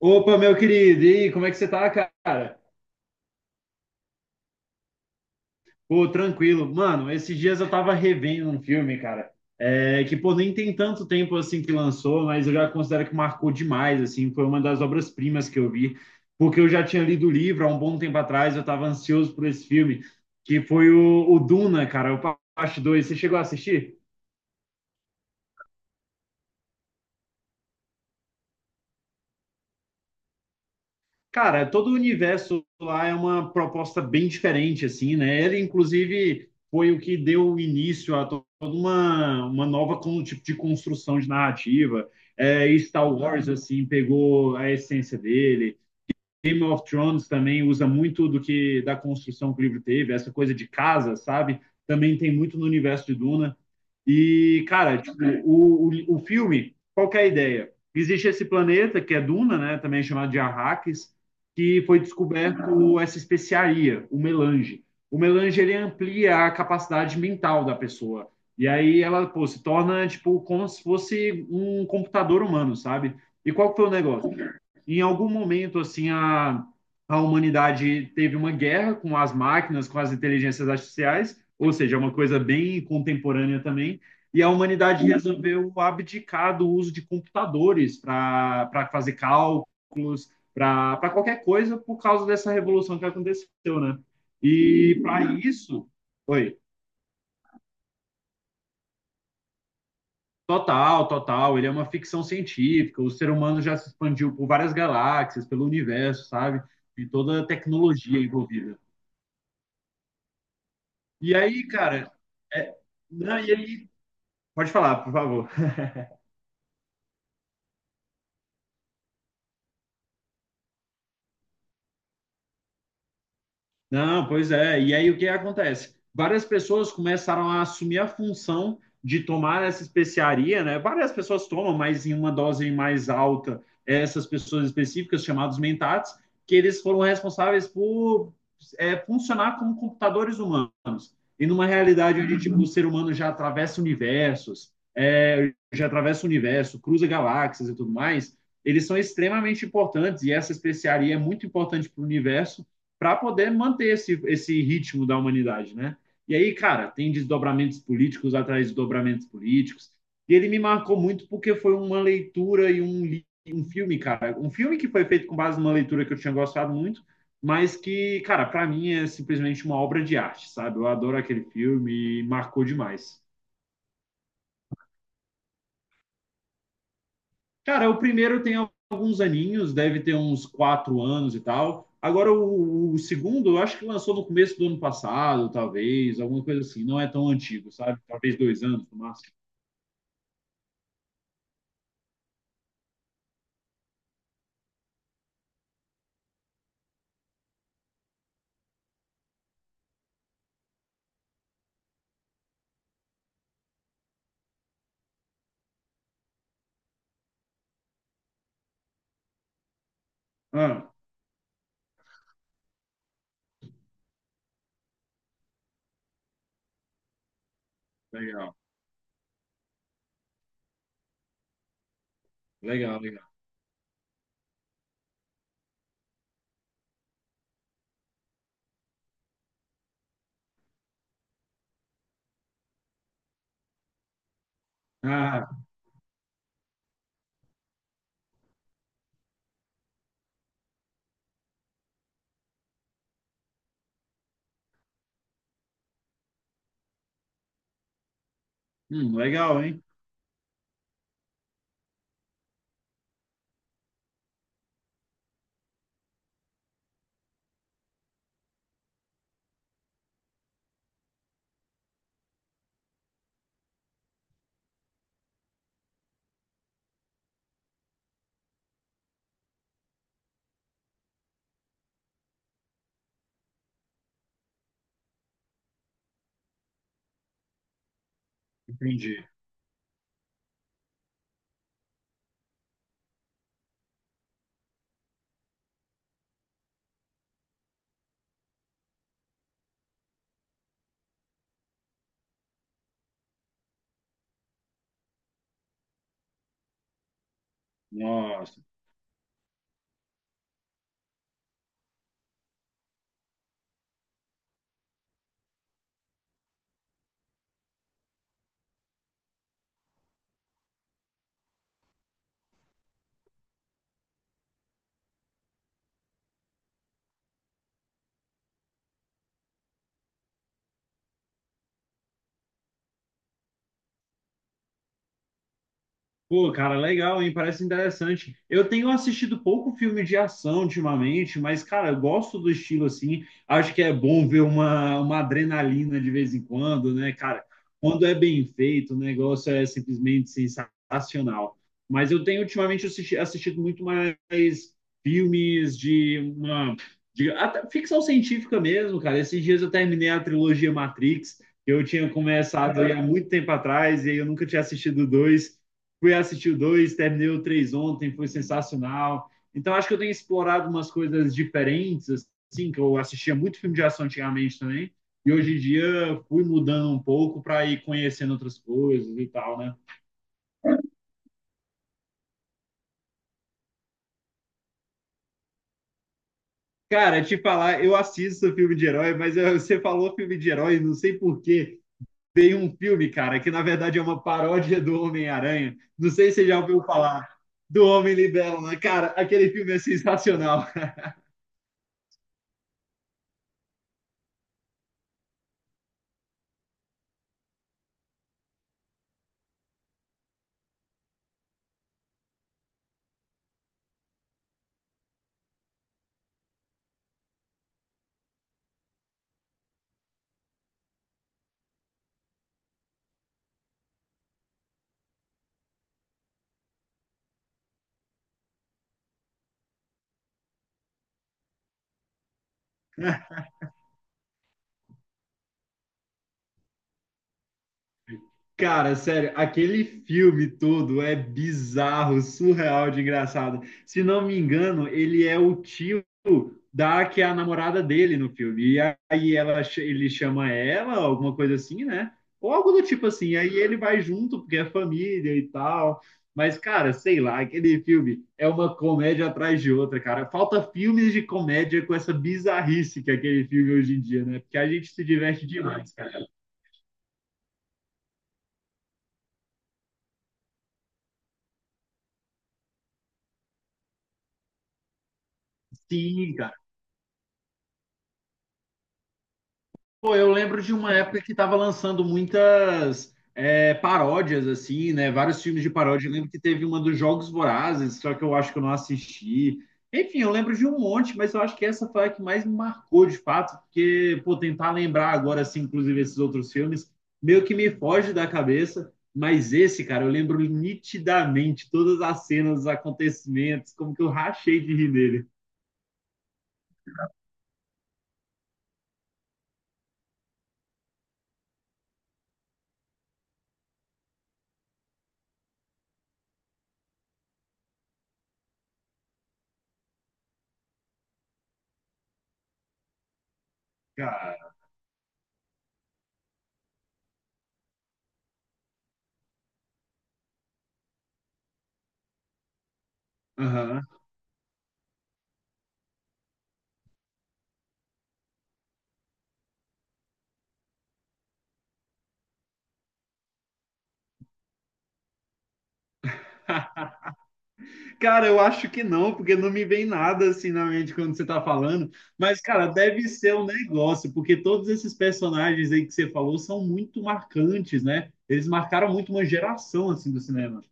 Opa, meu querido, e aí, como é que você tá, cara? Pô, tranquilo. Mano, esses dias eu tava revendo um filme, cara, pô, nem tem tanto tempo, assim, que lançou, mas eu já considero que marcou demais, assim, foi uma das obras-primas que eu vi, porque eu já tinha lido o livro há um bom tempo atrás, eu tava ansioso por esse filme, que foi o Duna, cara, o Parte 2. Você chegou a assistir? Cara, todo o universo lá é uma proposta bem diferente, assim, né? Ele, inclusive, foi o que deu início a toda uma nova tipo de construção de narrativa. É, e Star Wars, assim, pegou a essência dele. Game of Thrones também usa muito do que da construção que o livro teve, essa coisa de casa, sabe? Também tem muito no universo de Duna. E, cara, tipo, o filme, qual que é a ideia? Existe esse planeta, que é Duna, né? Também é chamado de Arrakis, que foi descoberto essa especiaria, o melange. O melange, ele amplia a capacidade mental da pessoa. E aí ela, pô, se torna, tipo, como se fosse um computador humano, sabe? E qual que foi o negócio? Em algum momento, assim, a humanidade teve uma guerra com as máquinas, com as inteligências artificiais, ou seja, é uma coisa bem contemporânea também, e a humanidade resolveu abdicar do uso de computadores para fazer cálculo, para qualquer coisa, por causa dessa revolução que aconteceu, né? E para isso, oi, total, total, ele é uma ficção científica, o ser humano já se expandiu por várias galáxias, pelo universo, sabe? E toda a tecnologia envolvida. E aí, cara, é- não, e aí, pode falar, por favor. Não, pois é. E aí o que acontece? Várias pessoas começaram a assumir a função de tomar essa especiaria, né? Várias pessoas tomam, mas em uma dose mais alta, essas pessoas específicas, chamados mentates, que eles foram responsáveis por funcionar como computadores humanos. E numa realidade onde tipo, o ser humano já atravessa universos, é, já atravessa o universo, cruza galáxias e tudo mais, eles são extremamente importantes, e essa especiaria é muito importante para o universo, para poder manter esse ritmo da humanidade, né? E aí, cara, tem desdobramentos políticos atrás de desdobramentos políticos. E ele me marcou muito porque foi uma leitura e um filme, cara. Um filme que foi feito com base numa leitura que eu tinha gostado muito, mas que, cara, para mim é simplesmente uma obra de arte, sabe? Eu adoro aquele filme e marcou demais. Cara, o primeiro tem alguns aninhos, deve ter uns quatro anos e tal. Agora, o segundo, eu acho que lançou no começo do ano passado, talvez, alguma coisa assim. Não é tão antigo, sabe? Talvez dois anos no máximo. Ah, legal, legal, legal. Ah, legal, hein? Entendi. Nossa. Pô, cara, legal, hein? Parece interessante. Eu tenho assistido pouco filme de ação ultimamente, mas, cara, eu gosto do estilo assim. Acho que é bom ver uma adrenalina de vez em quando, né, cara? Quando é bem feito, o negócio é simplesmente sensacional. Mas eu tenho ultimamente assistido muito mais filmes de uma. De, até ficção científica mesmo, cara. Esses dias eu terminei a trilogia Matrix, que eu tinha começado aí há muito tempo atrás, e aí eu nunca tinha assistido dois fui assistir o 2, terminei o 3 ontem, foi sensacional. Então, acho que eu tenho explorado umas coisas diferentes, assim, que eu assistia muito filme de ação antigamente também, e hoje em dia fui mudando um pouco para ir conhecendo outras coisas e tal, né? Cara, te falar, eu assisto filme de herói, mas eu, você falou filme de herói, não sei porquê. Tem um filme, cara, que na verdade é uma paródia do Homem-Aranha. Não sei se você já ouviu falar do Homem Libelo, né? Cara, aquele filme é sensacional. Cara, sério, aquele filme todo é bizarro, surreal de engraçado. Se não me engano, ele é o tio da que é a namorada dele no filme. E aí ela, ele chama ela, alguma coisa assim, né? Ou algo do tipo assim. Aí ele vai junto, porque é família e tal. Mas, cara, sei lá, aquele filme é uma comédia atrás de outra, cara. Falta filmes de comédia com essa bizarrice que é aquele filme hoje em dia, né? Porque a gente se diverte demais, cara. Sim, pô, eu lembro de uma época que tava lançando muitas paródias, assim, né? Vários filmes de paródia. Eu lembro que teve uma dos Jogos Vorazes, só que eu acho que eu não assisti. Enfim, eu lembro de um monte, mas eu acho que essa foi a que mais me marcou, de fato, porque, pô, tentar lembrar agora, assim, inclusive esses outros filmes, meio que me foge da cabeça. Mas esse, cara, eu lembro nitidamente todas as cenas, os acontecimentos, como que eu rachei de rir nele. Cara, aham. Cara, eu acho que não, porque não me vem nada assim na mente quando você tá falando. Mas, cara, deve ser um negócio, porque todos esses personagens aí que você falou são muito marcantes, né? Eles marcaram muito uma geração assim do cinema.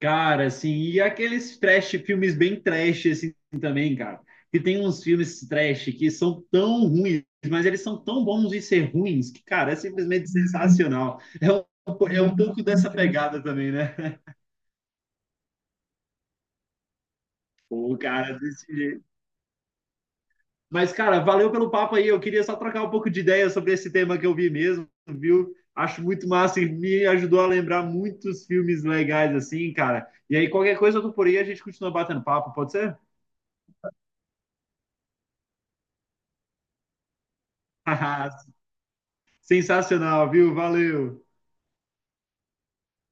Cara, assim, e aqueles trash, filmes bem trash assim também, cara. Que tem uns filmes trash que são tão ruins, mas eles são tão bons em ser ruins que, cara, é simplesmente sensacional. É um pouco dessa pegada também, né? Pô, cara, desse jeito. Mas, cara, valeu pelo papo aí. Eu queria só trocar um pouco de ideia sobre esse tema que eu vi mesmo, viu? Acho muito massa e me ajudou a lembrar muitos filmes legais, assim, cara. E aí, qualquer coisa eu tô por aí, a gente continua batendo papo, pode ser? Sensacional, viu? Valeu.